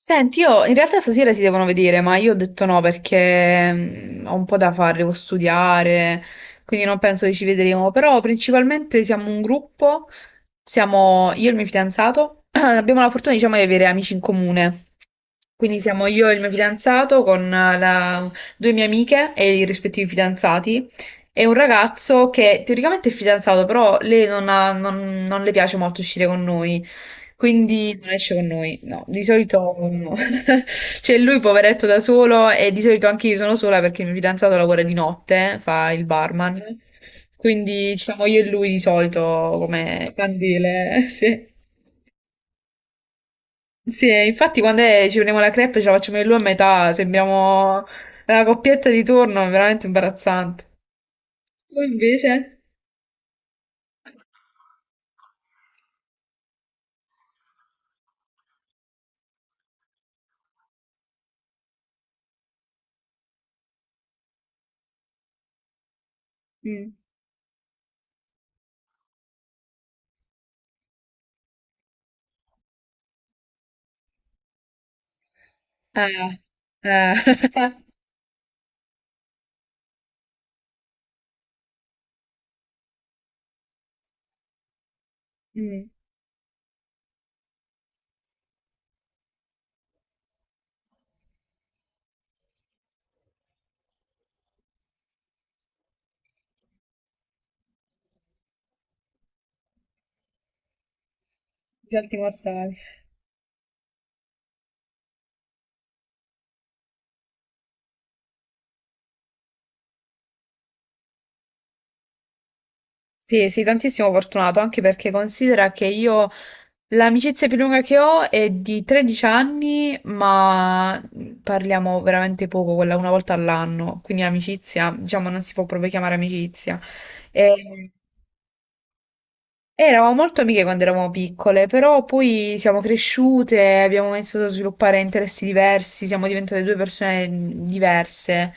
Senti, io in realtà stasera si devono vedere, ma io ho detto no perché ho un po' da fare, devo studiare, quindi non penso che ci vedremo. Però principalmente siamo un gruppo, siamo io e il mio fidanzato, abbiamo la fortuna, diciamo, di avere amici in comune. Quindi siamo io e il mio fidanzato con due mie amiche e i rispettivi fidanzati e un ragazzo che teoricamente è fidanzato, però lei non, ha- non- non le piace molto uscire con noi, quindi non esce con noi. No, di solito no. C'è lui poveretto da solo e di solito anche io sono sola perché il mio fidanzato lavora di notte, fa il barman. Quindi ci siamo io e lui di solito come candele, sì. Sì, e infatti quando ci prendiamo la crepe ce la facciamo io e lui a metà, sembriamo la coppietta di turno, è veramente imbarazzante. Tu invece? Mm. Eh, eh. Mm. Salti mortali. Sì, sì, tantissimo fortunato, anche perché considera che io l'amicizia più lunga che ho è di 13 anni, ma parliamo veramente poco, quella una volta all'anno, quindi amicizia, diciamo, non si può proprio chiamare amicizia. E- Eravamo molto amiche quando eravamo piccole, però poi siamo cresciute, abbiamo iniziato a sviluppare interessi diversi, siamo diventate due persone diverse.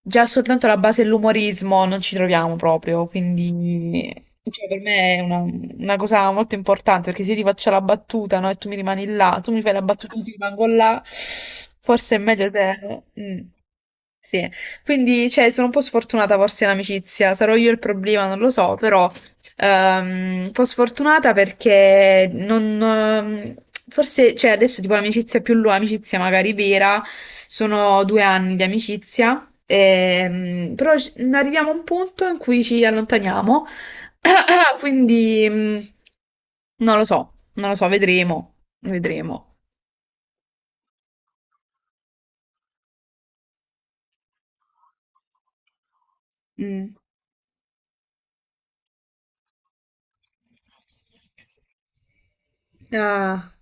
Già soltanto la base dell'umorismo non ci troviamo proprio, quindi cioè, per me è una cosa molto importante, perché se io ti faccio la battuta, no, e tu mi rimani là, tu mi fai la battuta, io ti rimango là, forse è meglio se... mm. Sì, quindi cioè, sono un po' sfortunata forse in amicizia, sarò io il problema, non lo so, però un po' sfortunata perché non, forse, cioè adesso tipo l'amicizia più lunga, amicizia magari vera, sono 2 anni di amicizia, però arriviamo a un punto in cui ci allontaniamo, quindi non lo so, non lo so, vedremo, vedremo. Mm. Ah,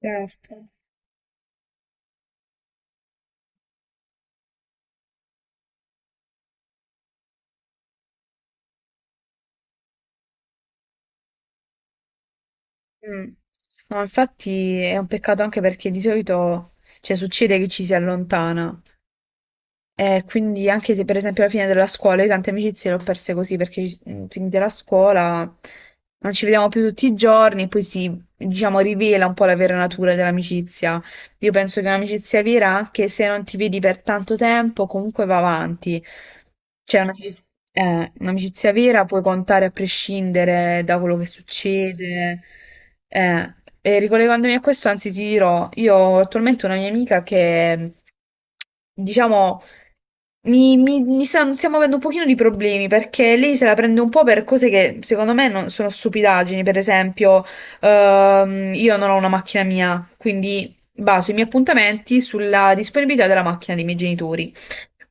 certo. Mm. No, infatti è un peccato anche perché di solito, cioè, succede che ci si allontana, e quindi anche se per esempio alla fine della scuola, io tante amicizie le ho perse così perché finita la scuola non ci vediamo più tutti i giorni e poi si, diciamo, rivela un po' la vera natura dell'amicizia. Io penso che un'amicizia vera, anche se non ti vedi per tanto tempo, comunque va avanti. Cioè, un'amicizia vera puoi contare a prescindere da quello che succede. Eh, e ricollegandomi a questo, anzi, ti dirò, io ho attualmente una mia amica che, diciamo, stiamo avendo un pochino di problemi perché lei se la prende un po' per cose che secondo me non sono stupidaggini. Per esempio, io non ho una macchina mia, quindi baso i miei appuntamenti sulla disponibilità della macchina dei miei genitori.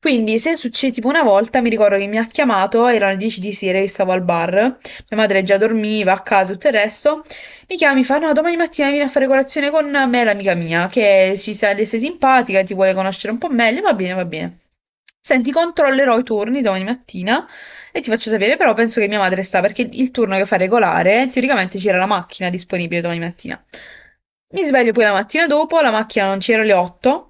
Quindi, se succede tipo una volta, mi ricordo che mi ha chiamato, erano le 10 di sera, io stavo al bar, mia madre già dormiva a casa, tutto il resto. Mi chiama, mi fa: no, domani mattina vieni a fare colazione con me, l'amica mia, che ci sa le sei simpatica, ti vuole conoscere un po' meglio. Va bene, va bene. Senti, controllerò i turni domani mattina e ti faccio sapere, però penso che mia madre sta perché il turno che fa regolare, teoricamente c'era la macchina disponibile domani mattina. Mi sveglio poi la mattina dopo, la macchina non c'era alle 8,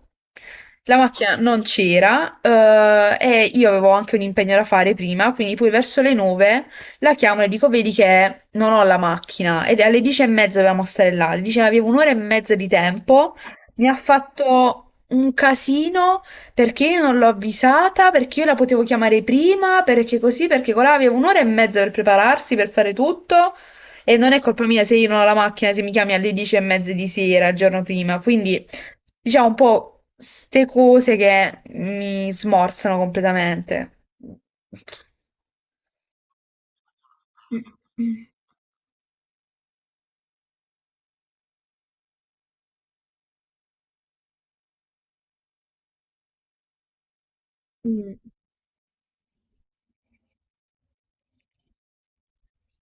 la macchina non c'era e io avevo anche un impegno da fare prima, quindi poi verso le 9 la chiamo, e le dico, vedi che non ho la macchina ed alle 10:30 dovevamo stare là. Le dice, avevo un'ora e mezza di tempo, mi ha fatto un casino perché io non l'ho avvisata, perché io la potevo chiamare prima, perché così, perché colà aveva un'ora e mezza per prepararsi, per fare tutto. E non è colpa mia se io non ho la macchina, se mi chiami alle 10:30 di sera, il giorno prima. Quindi, diciamo un po' ste cose che mi smorzano completamente. Mm.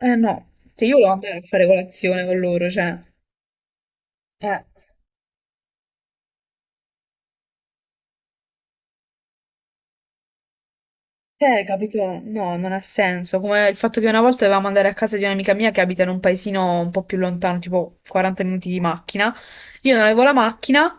Eh no, cioè io volevo andare a fare colazione con loro, cioè, eh, capito? No, non ha senso. Come il fatto che una volta dovevamo andare a casa di un'amica mia che abita in un paesino un po' più lontano, tipo 40 minuti di macchina. Io non avevo la macchina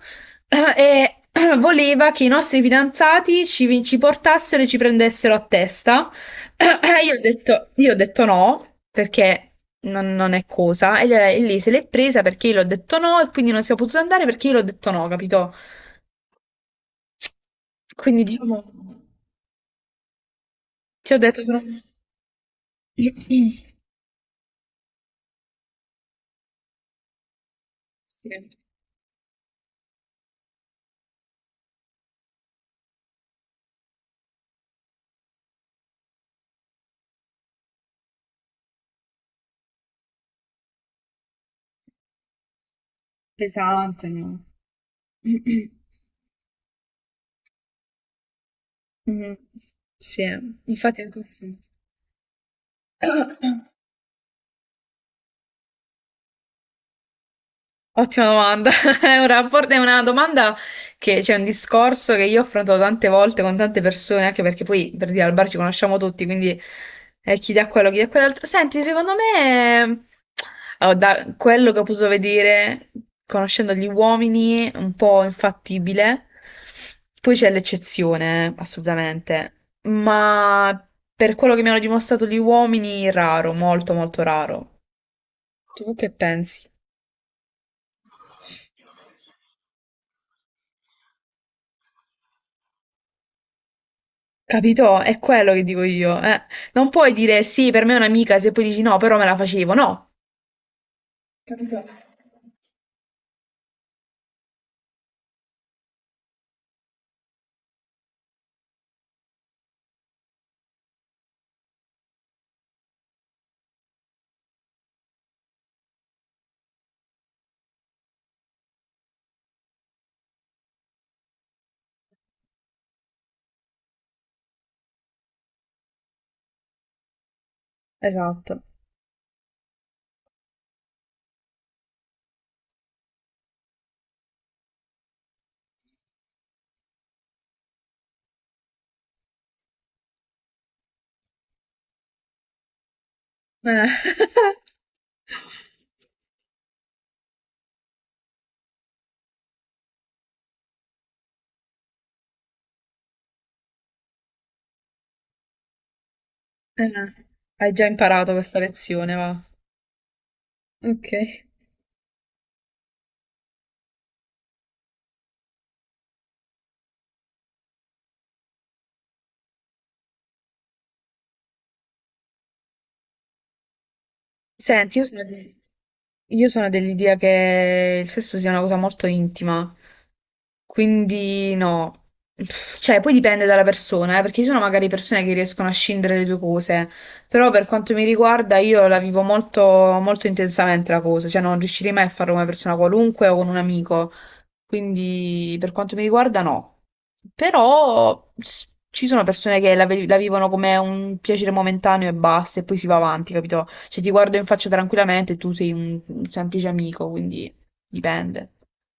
e voleva che i nostri fidanzati ci, ci portassero e ci prendessero a testa. Io ho detto no, perché non è cosa. E lei se l'è presa perché io l'ho detto no, e quindi non siamo potuti andare perché io l'ho detto no, capito? Quindi diciamo, ti ho detto sono sì, pesante, no? Mh. Sì, infatti è così. Ottima domanda. È una domanda che c'è un discorso che io ho affrontato tante volte con tante persone, anche perché poi per dire al bar ci conosciamo tutti, quindi chi dà quello, chi dà quell'altro. Senti, secondo me, allora, da quello che ho potuto vedere, conoscendo gli uomini, è un po' infattibile. Poi c'è l'eccezione, assolutamente. Ma per quello che mi hanno dimostrato gli uomini, raro, molto, molto raro. Tu che pensi? Capito? È quello che dico io, eh. Non puoi dire sì, per me è un'amica, se poi dici no, però me la facevo. No, capito? Esatto. Eh. No. Hai già imparato questa lezione, va. Ok. Senti, io sono dell'idea che il sesso sia una cosa molto intima, quindi no. Pff, cioè, poi dipende dalla persona, perché ci sono magari persone che riescono a scindere le due cose, però per quanto mi riguarda io la vivo molto, molto intensamente la cosa, cioè non riuscirei mai a farlo con una persona qualunque o con un amico. Quindi per quanto mi riguarda no. Però ci sono persone che la vivono come un piacere momentaneo e basta, e poi si va avanti, capito? Cioè ti guardo in faccia tranquillamente e tu sei un semplice amico, quindi dipende.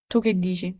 Tu che dici?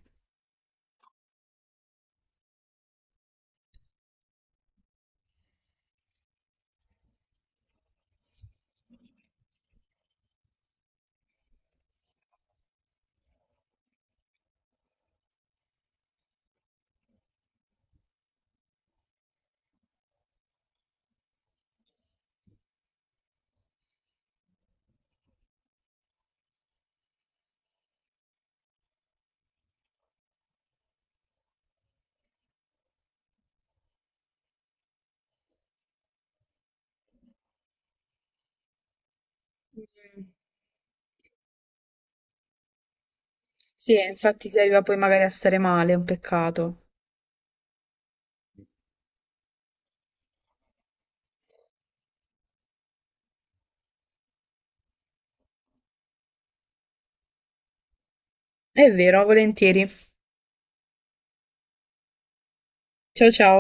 Mm. Sì, infatti si arriva poi magari a stare male, è un peccato. È vero, volentieri. Ciao ciao.